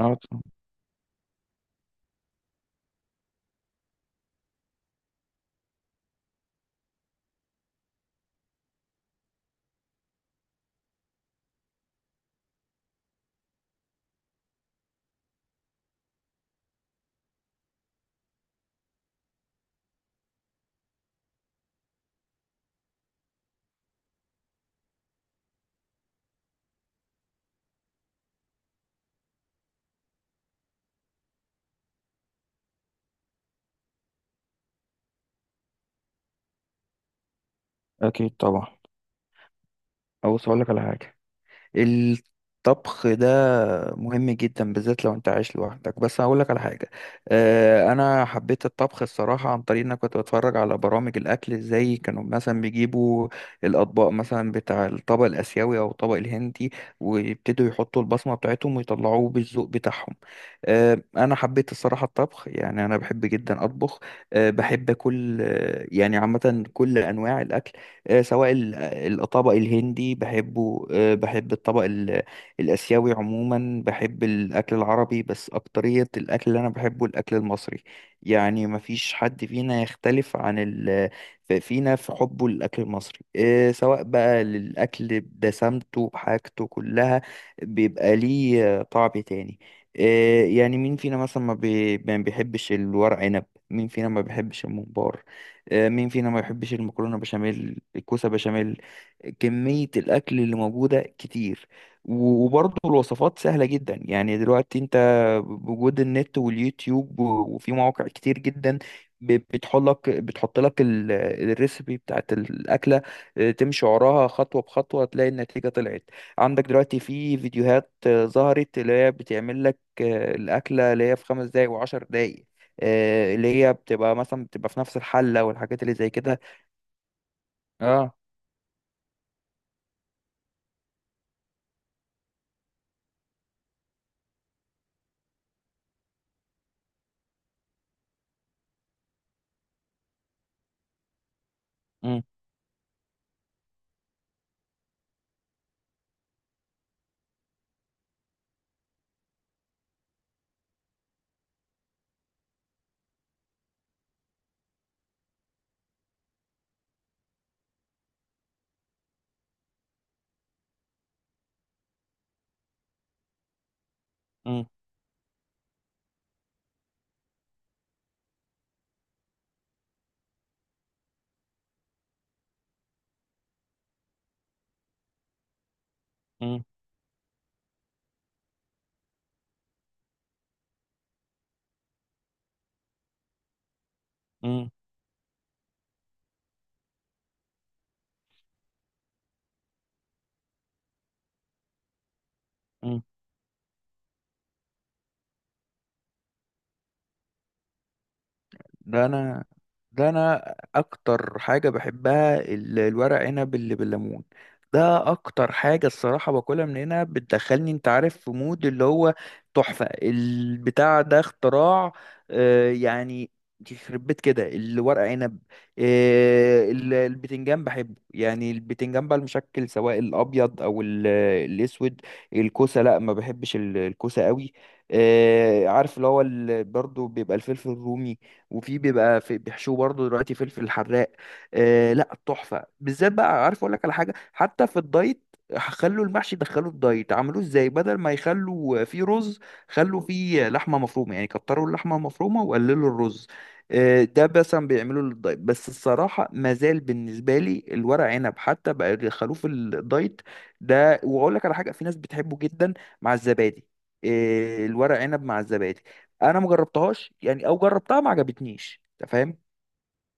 آه، أكيد طبعا. أبص أقول لك على حاجة. الطبخ ده مهم جدا بالذات لو أنت عايش لوحدك، بس هقول لك على حاجة. أنا حبيت الطبخ الصراحة عن طريق إن أنا كنت بتفرج على برامج الأكل إزاي كانوا مثلا بيجيبوا الأطباق، مثلا بتاع الطبق الآسيوي أو الطبق الهندي، ويبتدوا يحطوا البصمة بتاعتهم ويطلعوه بالذوق بتاعهم. أنا حبيت الصراحة الطبخ، يعني أنا بحب جدا أطبخ. بحب كل، يعني عامة كل أنواع الأكل. سواء الطبق الهندي بحبه، بحب الطبق الآسيوي عموما. بحب الأكل العربي، بس أكترية الأكل اللي أنا بحبه الأكل المصري. يعني مفيش حد فينا يختلف عن فينا في حبه للأكل المصري. سواء بقى للأكل بدسمته بحاجته كلها، بيبقى ليه طعم تاني. يعني مين فينا مثلا ما بيحبش الورق عنب؟ مين فينا ما بيحبش الممبار؟ مين فينا ما يحبش المكرونة بشاميل، الكوسة بشاميل؟ كمية الأكل اللي موجودة كتير. وبرضه الوصفات سهلة جدا، يعني دلوقتي انت بوجود النت واليوتيوب وفي مواقع كتير جدا، بتحط لك الريسبي بتاعت الأكلة. تمشي وراها خطوة بخطوة تلاقي النتيجة طلعت. عندك دلوقتي في فيديوهات ظهرت اللي هي بتعمل لك الأكلة اللي هي في 5 دقايق وعشر دقايق، اللي هي بتبقى مثلا بتبقى في نفس الحلة والحاجات اللي زي كده. اه. امم. امم. امم. امم. ده انا ده انا اكتر حاجه بحبها الورق عنب اللي بالليمون. ده اكتر حاجه الصراحه باكلها، من هنا بتدخلني انت عارف في مود اللي هو تحفه، البتاع ده اختراع. يعني يخرب بيت كده الورق عنب. البتنجان بحبه، يعني البتنجان بقى المشكل سواء الابيض او الاسود. الكوسه لا، ما بحبش الكوسه قوي. عارف اللي هو برضو بيبقى الفلفل الرومي، وفي بيبقى في بيحشوه برضه دلوقتي فلفل حراق. آه لا، تحفه بالذات بقى. عارف اقول لك على حاجه، حتى في الدايت، خلوا المحشي دخلوا الدايت عملوه ازاي؟ بدل ما يخلوا فيه رز، خلوا فيه لحمه مفرومه، يعني كتروا اللحمه المفرومه وقللوا الرز. ده مثلا بيعملوا للدايت، بس الصراحه مازال بالنسبه لي الورق عنب حتى بقى يدخلوه في الدايت ده. واقول لك على حاجه، في ناس بتحبه جدا مع الزبادي. الورق عنب مع الزبادي، انا ما جربتهاش، يعني او جربتها ما عجبتنيش، انت فاهم؟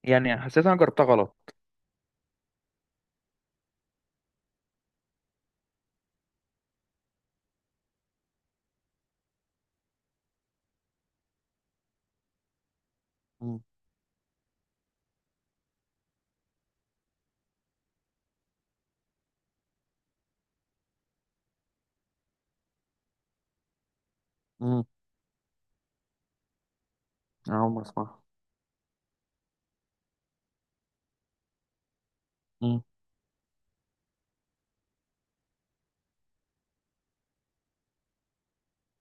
يعني حسيت انا جربتها غلط. امم. امم. اول مره اسمعها. امم.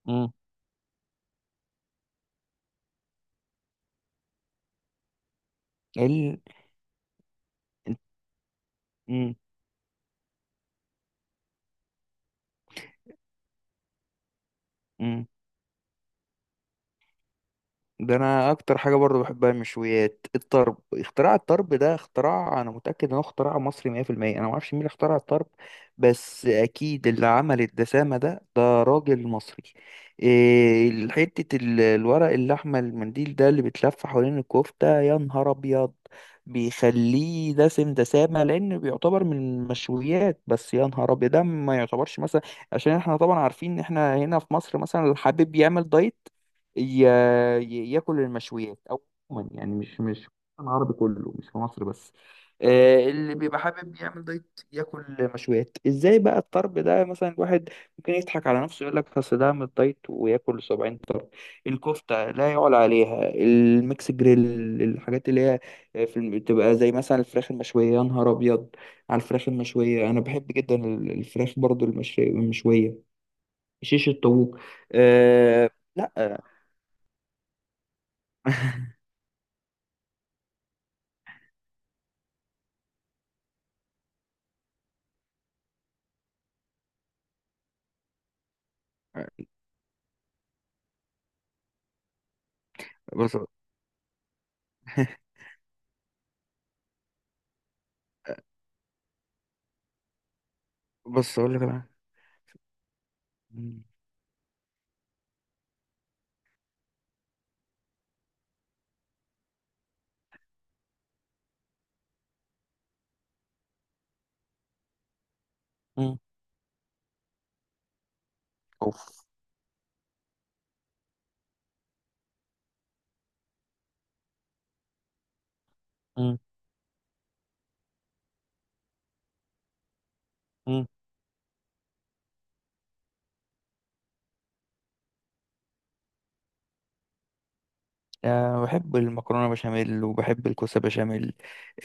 امم. ال... مم. مم. ده انا اكتر حاجه برضه بحبها المشويات. الطرب اختراع، الطرب ده اختراع، انا متاكد انه اختراع مصري 100%. انا ما اعرفش مين اللي اخترع الطرب، بس اكيد اللي عمل الدسامه ده راجل مصري. إيه حته الورق اللحمه المنديل ده اللي بيتلف حوالين الكفته، يا نهار ابيض، بيخليه دسم دسامه لان بيعتبر من المشويات. بس يا نهار ابيض ده ما يعتبرش، مثلا عشان احنا طبعا عارفين ان احنا هنا في مصر مثلا اللي حابب يعمل دايت ياكل المشويات او عموما، يعني مش العربي كله مش في مصر بس. اللي بيبقى حابب يعمل دايت ياكل مشويات ازاي بقى؟ الطرب ده مثلا الواحد ممكن يضحك على نفسه يقول لك اصل ده عامل دايت وياكل 70 طرب. الكفته لا يعلى عليها، الميكس جريل، الحاجات اللي هي بتبقى زي مثلا الفراخ المشويه، يا نهار ابيض على الفراخ المشويه، انا بحب جدا الفراخ برضو المشويه. شيش الطاووق. أه لا. بس بص اقول لك انا. مم. مم. اوف. مم. مم. أه بحب المكرونه بشاميل وبحب الكوسه بشاميل.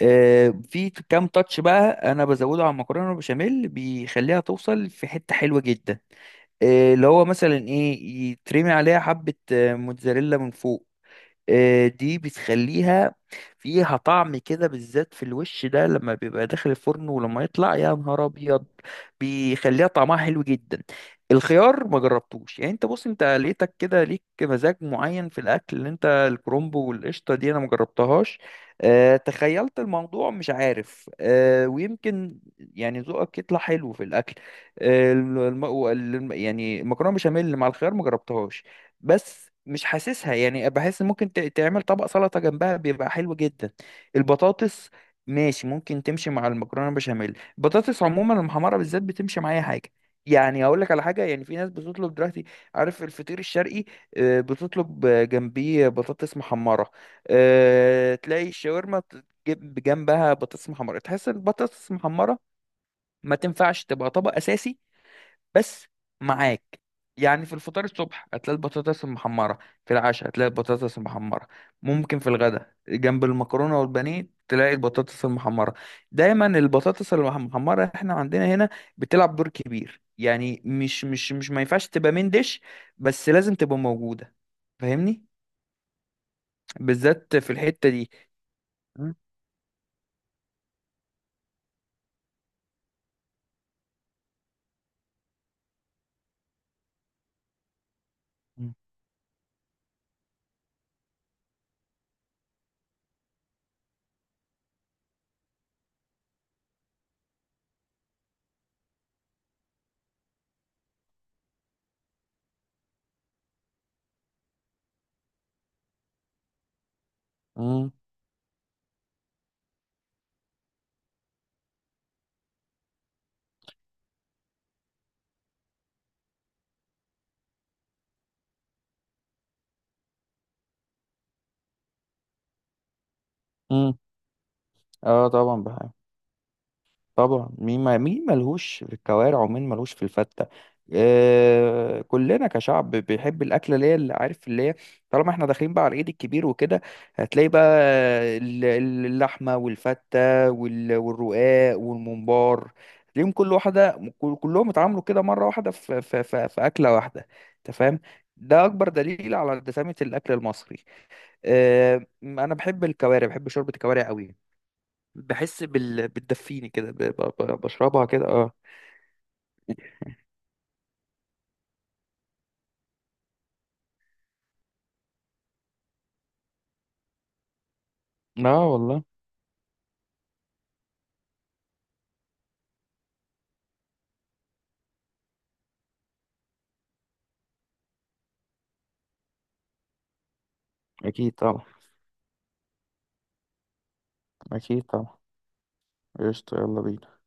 أه، في كام تاتش بقى، انا بزوده على المكرونه بشاميل بيخليها توصل في حته حلوه جدا. أه اللي هو مثلا ايه؟ يترمي عليها حبه موتزاريلا من فوق. دي بتخليها فيها طعم كده، بالذات في الوش ده لما بيبقى داخل الفرن، ولما يطلع يا نهار ابيض بيخليها طعمها حلو جدا. الخيار ما جربتوش، يعني انت بص، انت لقيتك كده ليك مزاج معين في الاكل، اللي انت الكرومبو والقشطه دي انا ما جربتهاش. أه تخيلت الموضوع، مش عارف. أه ويمكن يعني ذوقك يطلع حلو في الاكل. أه يعني المكرونه بشاميل مع الخيار ما جربتهاش، بس مش حاسسها، يعني بحس ممكن تعمل طبق سلطة جنبها بيبقى حلو جدا. البطاطس ماشي، ممكن تمشي مع المكرونة بشاميل. البطاطس عموما المحمرة بالذات بتمشي مع أي حاجة. يعني هقول لك على حاجة، يعني في ناس بتطلب دلوقتي، عارف الفطير الشرقي؟ بتطلب جنبيه بطاطس محمرة. تلاقي الشاورما تجيب جنبها بطاطس محمرة. تحس البطاطس المحمرة ما تنفعش تبقى طبق أساسي، بس معاك. يعني في الفطار الصبح هتلاقي البطاطس المحمرة، في العشاء هتلاقي البطاطس المحمرة، ممكن في الغداء جنب المكرونة والبانيه تلاقي البطاطس المحمرة. دايما البطاطس المحمرة احنا عندنا هنا بتلعب دور كبير، يعني مش ما ينفعش تبقى من ديش، بس لازم تبقى موجودة، فاهمني، بالذات في الحتة دي. مم. مم. مم. اه طبعا بحب. طبعا مين، ما مين ملهوش في الكوارع، ومين ملهوش في الفتة؟ آه كلنا كشعب بيحب الاكله اللي هي اللي عارف اللي هي، طالما احنا داخلين بقى على العيد الكبير وكده، هتلاقي بقى اللحمه والفته والرقاق والممبار، تلاقيهم كل واحده كلهم اتعاملوا كده مره واحده في في اكله واحده، انت فاهم؟ ده اكبر دليل على دسامه الاكل المصري. آه انا بحب الكوارع، بحب شوربه الكوارع قوي، بحس بتدفيني كده، بشربها كده اه. لا والله. اكيد طبعا. اكيد طبعا. قشطة يلا بينا.